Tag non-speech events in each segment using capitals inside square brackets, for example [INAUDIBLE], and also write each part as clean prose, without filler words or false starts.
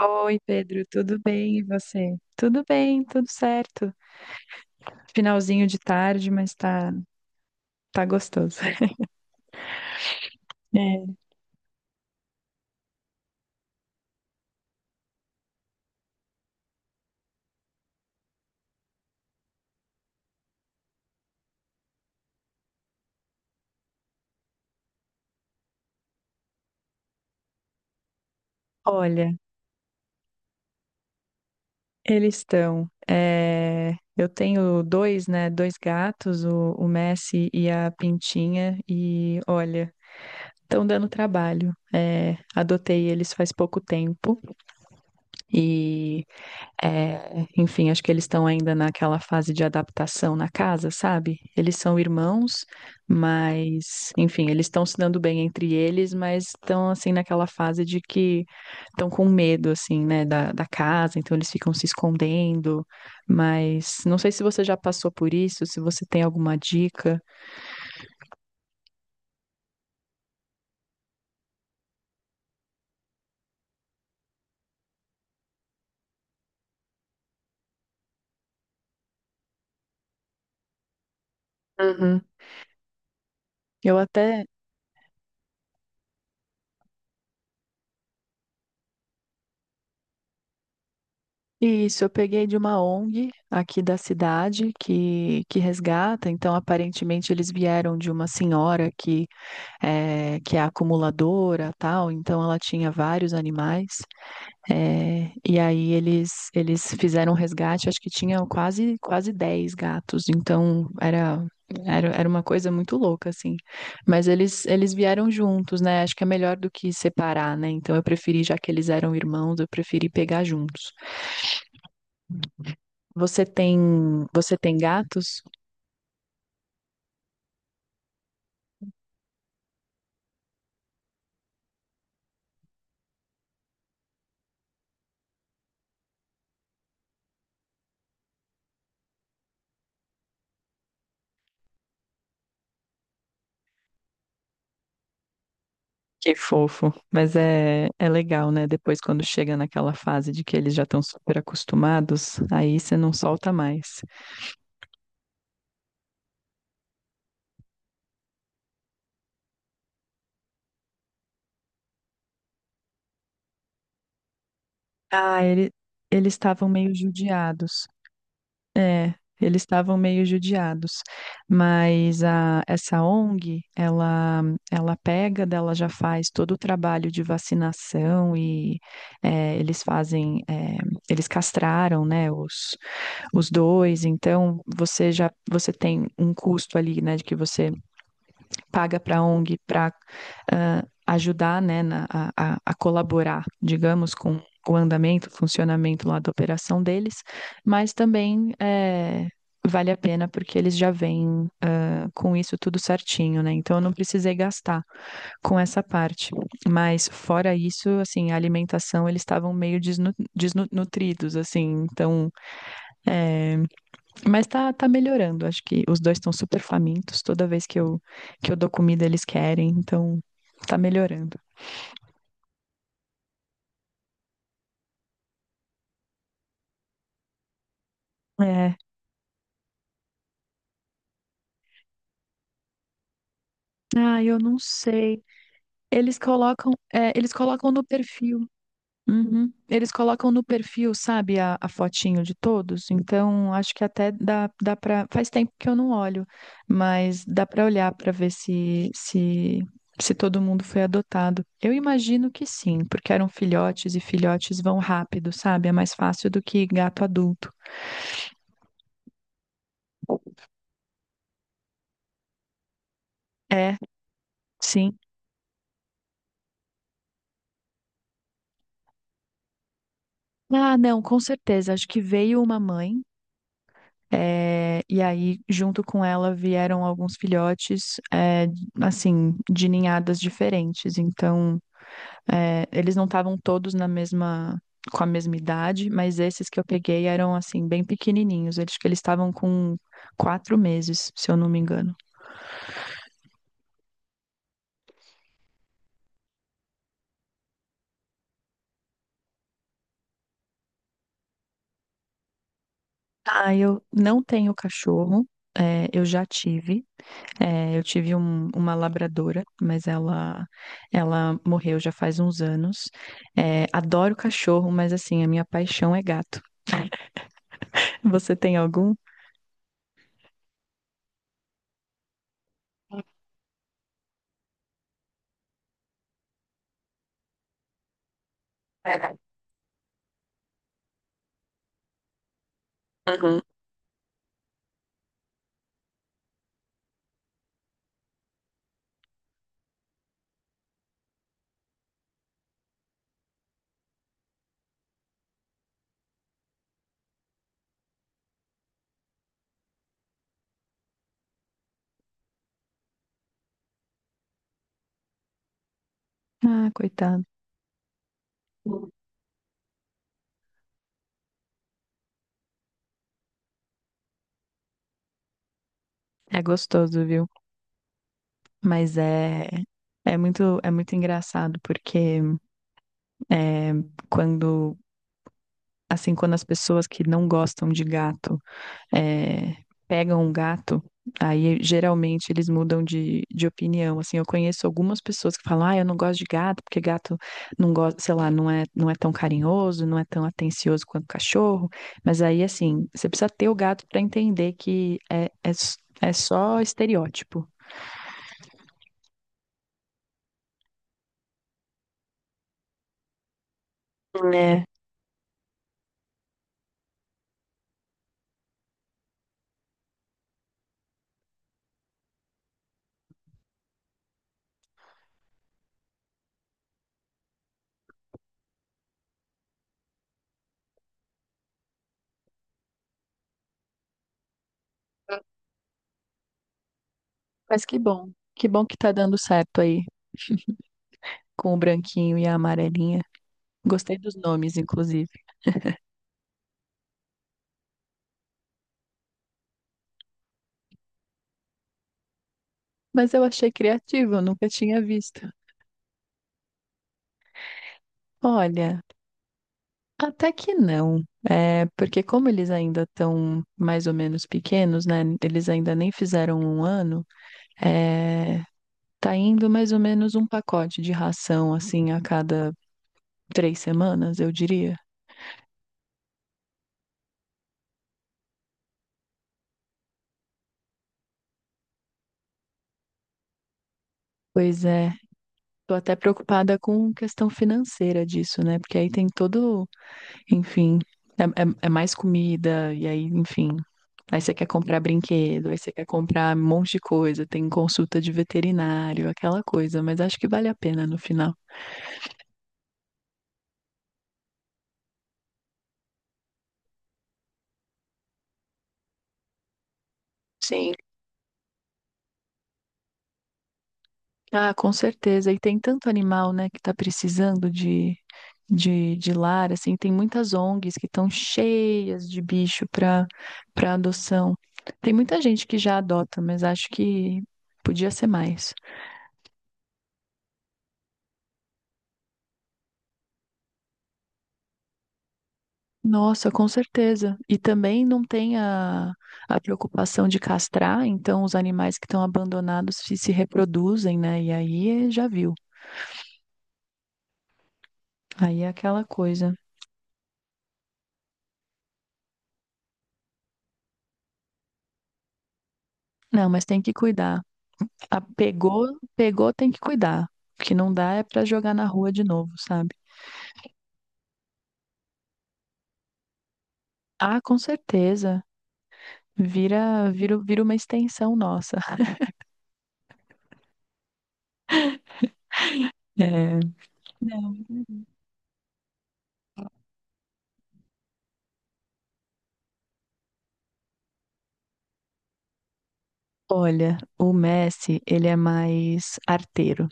Oi, Pedro, tudo bem? E você? Tudo bem, tudo certo. Finalzinho de tarde, mas tá gostoso. [LAUGHS] É, Olha, eles estão. Eu tenho dois, né? Dois gatos, o Messi e a Pintinha, e olha, estão dando trabalho. É, adotei eles faz pouco tempo. e É, Enfim, acho que eles estão ainda naquela fase de adaptação na casa, sabe? Eles são irmãos, mas, enfim, eles estão se dando bem entre eles, mas estão, assim, naquela fase de que estão com medo, assim, né, da casa, então eles ficam se escondendo. Mas não sei se você já passou por isso, se você tem alguma dica. Uhum. Eu até. Isso, eu peguei de uma ONG aqui da cidade que resgata. Então, aparentemente, eles vieram de uma senhora que é acumuladora, tal, então ela tinha vários animais. E aí eles fizeram um resgate, acho que tinha quase quase 10 gatos, então era, era uma coisa muito louca, assim. Mas eles vieram juntos, né? Acho que é melhor do que separar, né? Então eu preferi, já que eles eram irmãos, eu preferi pegar juntos. Você tem, Você tem gatos? Que fofo, mas é legal, né? Depois, quando chega naquela fase de que eles já estão super acostumados, aí você não solta mais. Ah, ele, Eles estavam meio judiados. É, eles estavam meio judiados. Essa ONG, ela pega, dela já faz todo o trabalho de vacinação e eles fazem, eles castraram, né, os dois. Então, você tem um custo ali, né, de que você paga para a ONG para ajudar, né, a colaborar, digamos, com o andamento, o funcionamento lá da operação deles, mas também é, vale a pena porque eles já vêm com isso tudo certinho, né? Então eu não precisei gastar com essa parte. Mas fora isso, assim, a alimentação, eles estavam meio desnutridos, assim, então é, mas tá, tá melhorando. Acho que os dois estão super famintos. Toda vez que eu dou comida, eles querem. Então, tá melhorando. É. Ah, eu não sei. Eles colocam no perfil. Uhum. Eles colocam no perfil, sabe, a fotinho de todos. Então, acho que até dá para. Faz tempo que eu não olho, mas dá para olhar para ver se todo mundo foi adotado. Eu imagino que sim, porque eram filhotes e filhotes vão rápido, sabe? É mais fácil do que gato adulto. É, sim. Ah, não, com certeza. Acho que veio uma mãe. É, e aí, junto com ela, vieram alguns filhotes, assim, de ninhadas diferentes. Então, eles não estavam todos com a mesma idade, mas esses que eu peguei eram, assim, bem pequenininhos. Eles estavam com 4 meses, se eu não me engano. Ah, eu não tenho cachorro, é, eu já tive. É, eu tive uma labradora, mas ela morreu já faz uns anos. É, adoro cachorro, mas assim, a minha paixão é gato. [LAUGHS] Você tem algum? Ah, coitado. É gostoso, viu? Mas é muito engraçado porque é, quando assim, quando as pessoas que não gostam de gato é, pegam um gato, aí geralmente eles mudam de opinião. Assim, eu conheço algumas pessoas que falam, ah, eu não gosto de gato, porque gato não gosta, sei lá, não é tão carinhoso, não é tão atencioso quanto cachorro. Mas aí, assim, você precisa ter o gato para entender que é, é, s- é só estereótipo. É. Mas que bom, que tá dando certo aí com o branquinho e a amarelinha. Gostei dos nomes, inclusive. Mas eu achei criativo, eu nunca tinha visto. Olha. Até que não, é, porque como eles ainda estão mais ou menos pequenos, né? Eles ainda nem fizeram um ano, é, tá indo mais ou menos um pacote de ração, assim, a cada 3 semanas, eu diria. Pois é, tô até preocupada com questão financeira disso, né? Porque aí tem todo, enfim, é mais comida, e aí, enfim, aí você quer comprar brinquedo, aí você quer comprar um monte de coisa, tem consulta de veterinário, aquela coisa, mas acho que vale a pena no final. Sim. Ah, com certeza. E tem tanto animal, né, que tá precisando de lar, assim, tem muitas ONGs que estão cheias de bicho para adoção. Tem muita gente que já adota, mas acho que podia ser mais. Nossa, com certeza. E também não tem a preocupação de castrar, então os animais que estão abandonados se reproduzem, né? E aí já viu. Aí é aquela coisa. Não, mas tem que cuidar. A- pegou, Pegou, tem que cuidar. O que não dá é pra jogar na rua de novo, sabe? Ah, com certeza. Vira uma extensão nossa. [LAUGHS] É, Não. Olha, o Messi, ele é mais arteiro.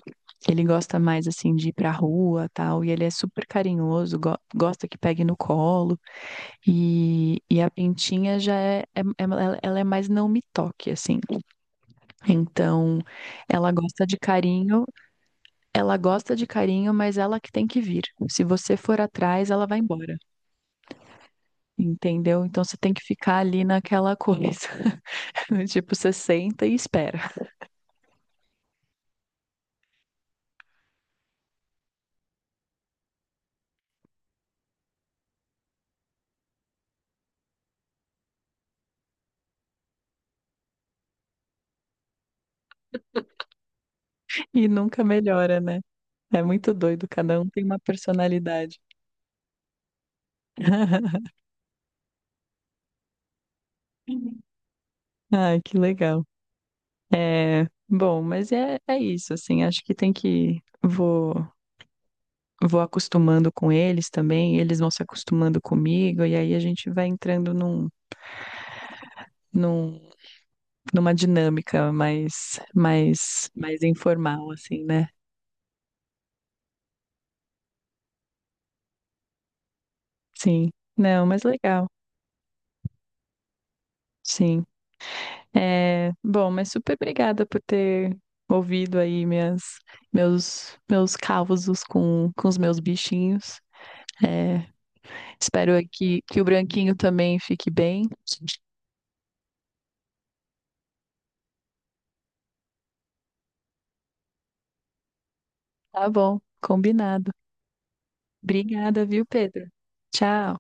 Ele gosta mais assim de ir pra rua, tal, e ele é super carinhoso, gosta que pegue no colo. E a pintinha já ela é mais não me toque assim. Então, ela gosta de carinho, ela gosta de carinho, mas ela que tem que vir. Se você for atrás, ela vai embora. Entendeu? Então você tem que ficar ali naquela coisa. [LAUGHS] Tipo, você senta e espera. E nunca melhora, né? É muito doido, cada um tem uma personalidade. [LAUGHS] Ai, que legal. É, bom, mas é isso, assim, acho que tem que vou acostumando com eles também, eles vão se acostumando comigo e aí a gente vai entrando num numa dinâmica mais informal, assim, né? Sim. Não, mas legal. Sim. É, bom, mas super obrigada por ter ouvido aí meus causos com os meus bichinhos. É, espero aqui que o branquinho também fique bem. Tá bom, combinado. Obrigada, viu, Pedro? Tchau.